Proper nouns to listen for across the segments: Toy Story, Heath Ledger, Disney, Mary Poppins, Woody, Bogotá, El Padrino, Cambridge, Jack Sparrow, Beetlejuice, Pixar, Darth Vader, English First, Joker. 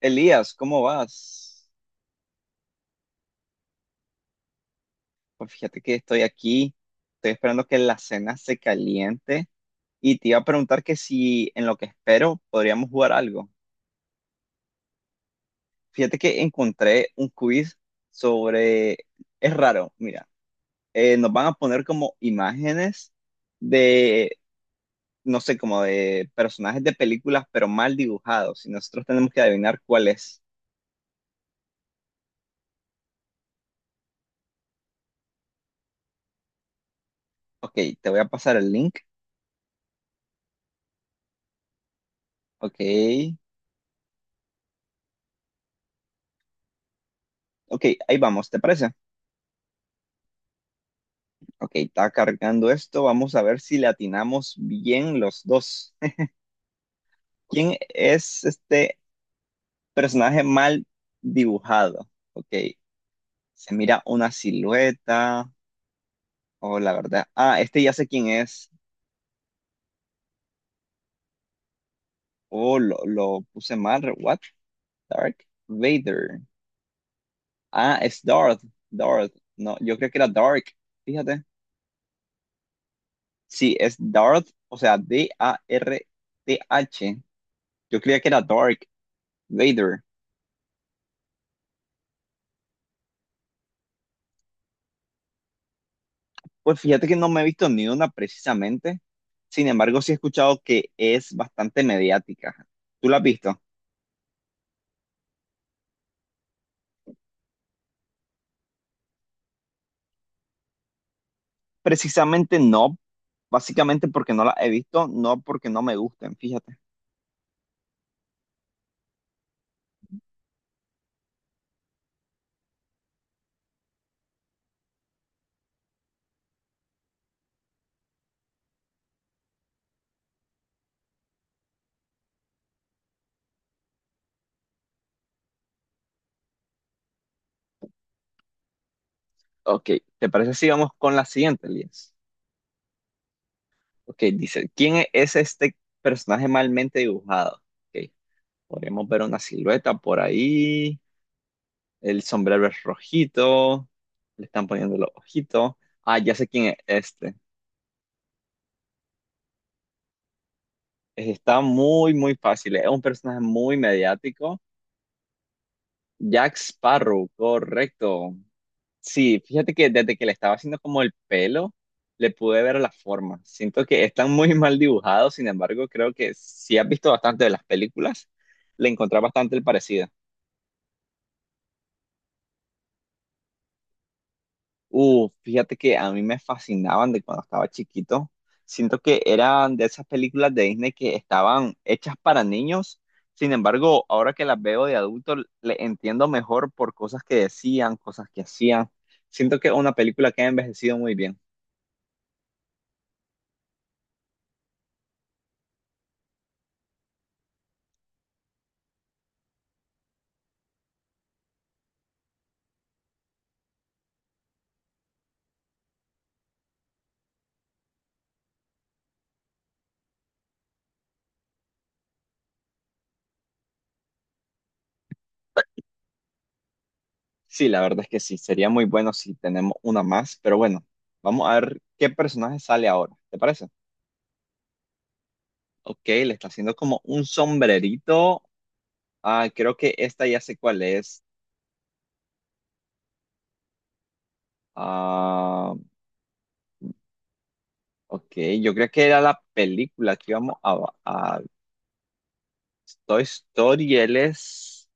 Elías, ¿cómo vas? Pues fíjate que estoy aquí, estoy esperando que la cena se caliente y te iba a preguntar que si en lo que espero podríamos jugar algo. Fíjate que encontré un quiz sobre, es raro, mira, nos van a poner como imágenes de, no sé, como de personajes de películas, pero mal dibujados y nosotros tenemos que adivinar cuál es. Ok, te voy a pasar el link. Ok, ok, ahí vamos, ¿te parece? Ok, está cargando esto. Vamos a ver si le atinamos bien los dos. ¿Quién es este personaje mal dibujado? Ok, se mira una silueta. Oh, la verdad. Ah, este ya sé quién es. Oh, lo puse mal. What? Dark Vader. Ah, es Darth. Darth. No, yo creo que era Dark. Fíjate. Sí, es Darth. O sea, Darth. Yo creía que era Dark Vader. Pues fíjate que no me he visto ni una precisamente. Sin embargo, sí he escuchado que es bastante mediática. ¿Tú la has visto? Precisamente no, básicamente porque no la he visto, no porque no me gusten, fíjate. Ok, ¿te parece si vamos con la siguiente, Elías? Ok, dice, ¿quién es este personaje malmente dibujado? Ok, podríamos ver una silueta por ahí, el sombrero es rojito, le están poniendo los ojitos. Ah, ya sé quién es este. Está muy, muy fácil. Es un personaje muy mediático. Jack Sparrow, correcto. Sí, fíjate que desde que le estaba haciendo como el pelo, le pude ver la forma. Siento que están muy mal dibujados, sin embargo, creo que si has visto bastante de las películas, le encontrás bastante el parecido. Fíjate que a mí me fascinaban de cuando estaba chiquito. Siento que eran de esas películas de Disney que estaban hechas para niños. Sin embargo, ahora que las veo de adulto, le entiendo mejor por cosas que decían, cosas que hacían. Siento que es una película que ha envejecido muy bien. Sí, la verdad es que sí. Sería muy bueno si tenemos una más. Pero bueno, vamos a ver qué personaje sale ahora. ¿Te parece? Ok, le está haciendo como un sombrerito. Ah, creo que esta ya sé cuál es. Ah, ok, yo creo que era la película que íbamos a Toy Story.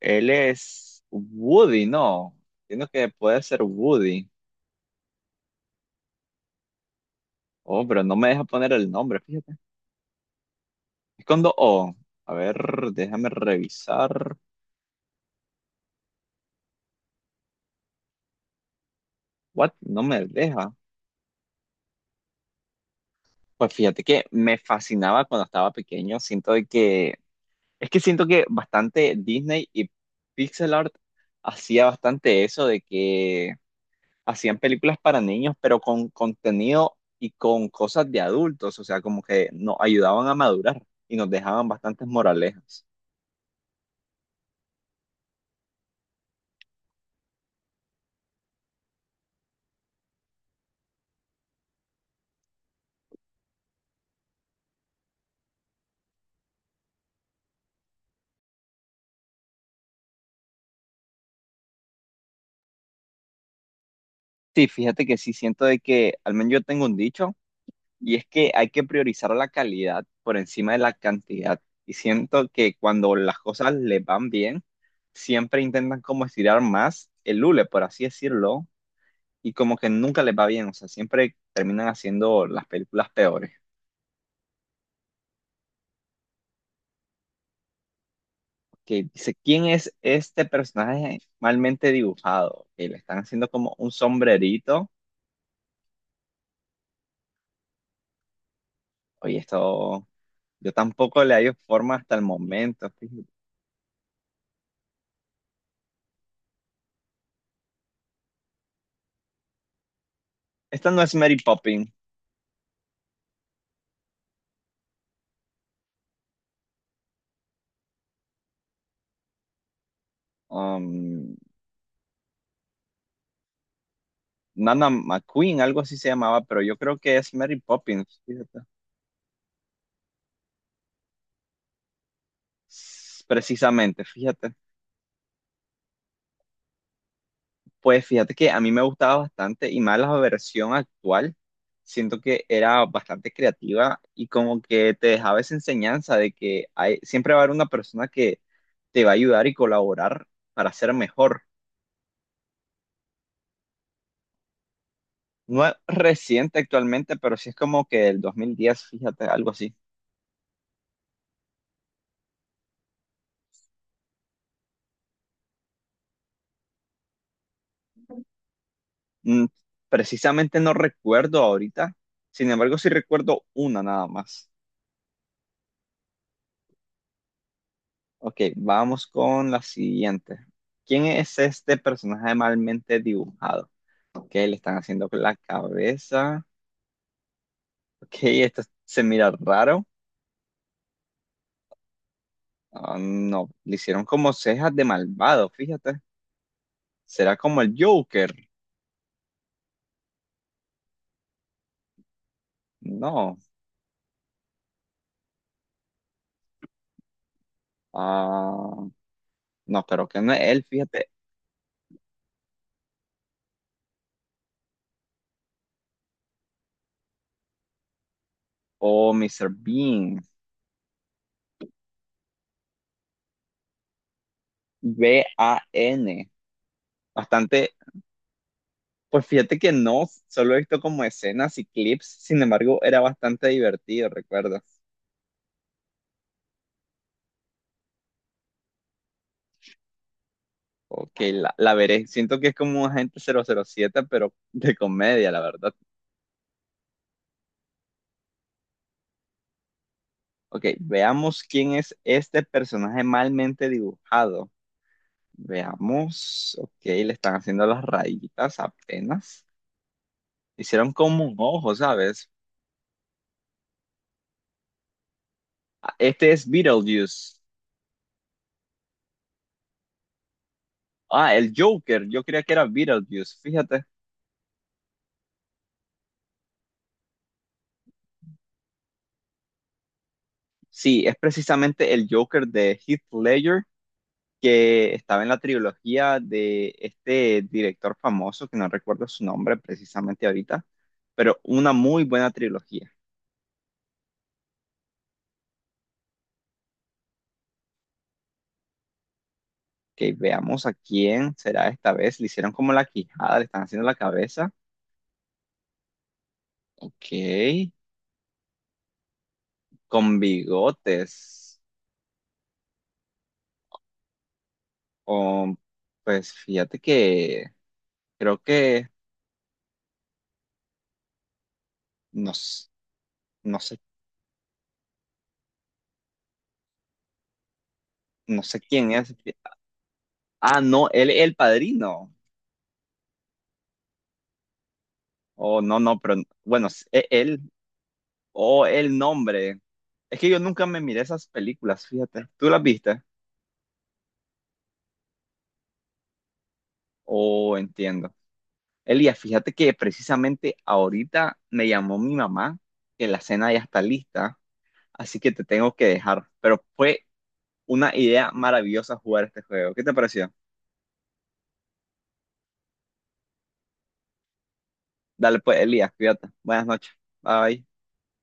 Él es Woody, ¿no? Entiendo que puede ser Woody. Oh, pero no me deja poner el nombre, fíjate. Es cuando, oh, a ver, déjame revisar. What? No me deja. Pues fíjate que me fascinaba cuando estaba pequeño. Es que siento que bastante Disney y Pixel Art hacía bastante eso de que hacían películas para niños, pero con contenido y con cosas de adultos, o sea, como que nos ayudaban a madurar y nos dejaban bastantes moralejas. Sí, fíjate que sí siento de que, al menos yo tengo un dicho, y es que hay que priorizar la calidad por encima de la cantidad. Y siento que cuando las cosas les van bien, siempre intentan como estirar más el hule, por así decirlo, y como que nunca les va bien, o sea, siempre terminan haciendo las películas peores. Que dice, ¿quién es este personaje malmente dibujado? Que le están haciendo como un sombrerito. Oye, esto yo tampoco le hallo forma hasta el momento. Fíjate. Esta no es Mary Poppins. um, Nana McQueen, algo así se llamaba, pero yo creo que es Mary Poppins, fíjate. S- Precisamente, fíjate. Pues fíjate que a mí me gustaba bastante y más la versión actual. Siento que era bastante creativa y como que te dejaba esa enseñanza de que hay, siempre va a haber una persona que te va a ayudar y colaborar para ser mejor. No es reciente actualmente, pero sí es como que el 2010, fíjate, algo así. Mm, precisamente no recuerdo ahorita, sin embargo sí recuerdo una nada más. Ok, vamos con la siguiente. ¿Quién es este personaje malmente dibujado? Ok, le están haciendo la cabeza. Ok, esto se mira raro. Ah, no, le hicieron como cejas de malvado, fíjate. ¿Será como el Joker? No. Ah, no, pero que no es él, fíjate. O Mr. Bean. BAN. Bastante. Pues fíjate que no, solo he visto como escenas y clips. Sin embargo, era bastante divertido, ¿recuerdas? Ok, la veré. Siento que es como Agente 007, pero de comedia, la verdad. Ok, veamos quién es este personaje malmente dibujado. Veamos. Ok, le están haciendo las rayitas apenas. Hicieron como un ojo, ¿sabes? Ah, este es Beetlejuice. Ah, el Joker. Yo creía que era Beetlejuice. Fíjate. Sí, es precisamente el Joker de Heath Ledger que estaba en la trilogía de este director famoso, que no recuerdo su nombre precisamente ahorita, pero una muy buena trilogía. Que veamos a quién será esta vez. Le hicieron como la quijada, le están haciendo la cabeza. Ok, con bigotes. Oh, pues fíjate que creo que no, s- no sé, no sé quién es. Ah, no, él es el padrino. Oh, no, no, pero bueno, s- e- él, o el nombre. Es que yo nunca me miré esas películas, fíjate. ¿Tú las viste? Oh, entiendo. Elías, fíjate que precisamente ahorita me llamó mi mamá que la cena ya está lista, así que te tengo que dejar. Pero fue una idea maravillosa jugar este juego. ¿Qué te pareció? Dale pues, Elías, cuídate. Buenas noches. Bye.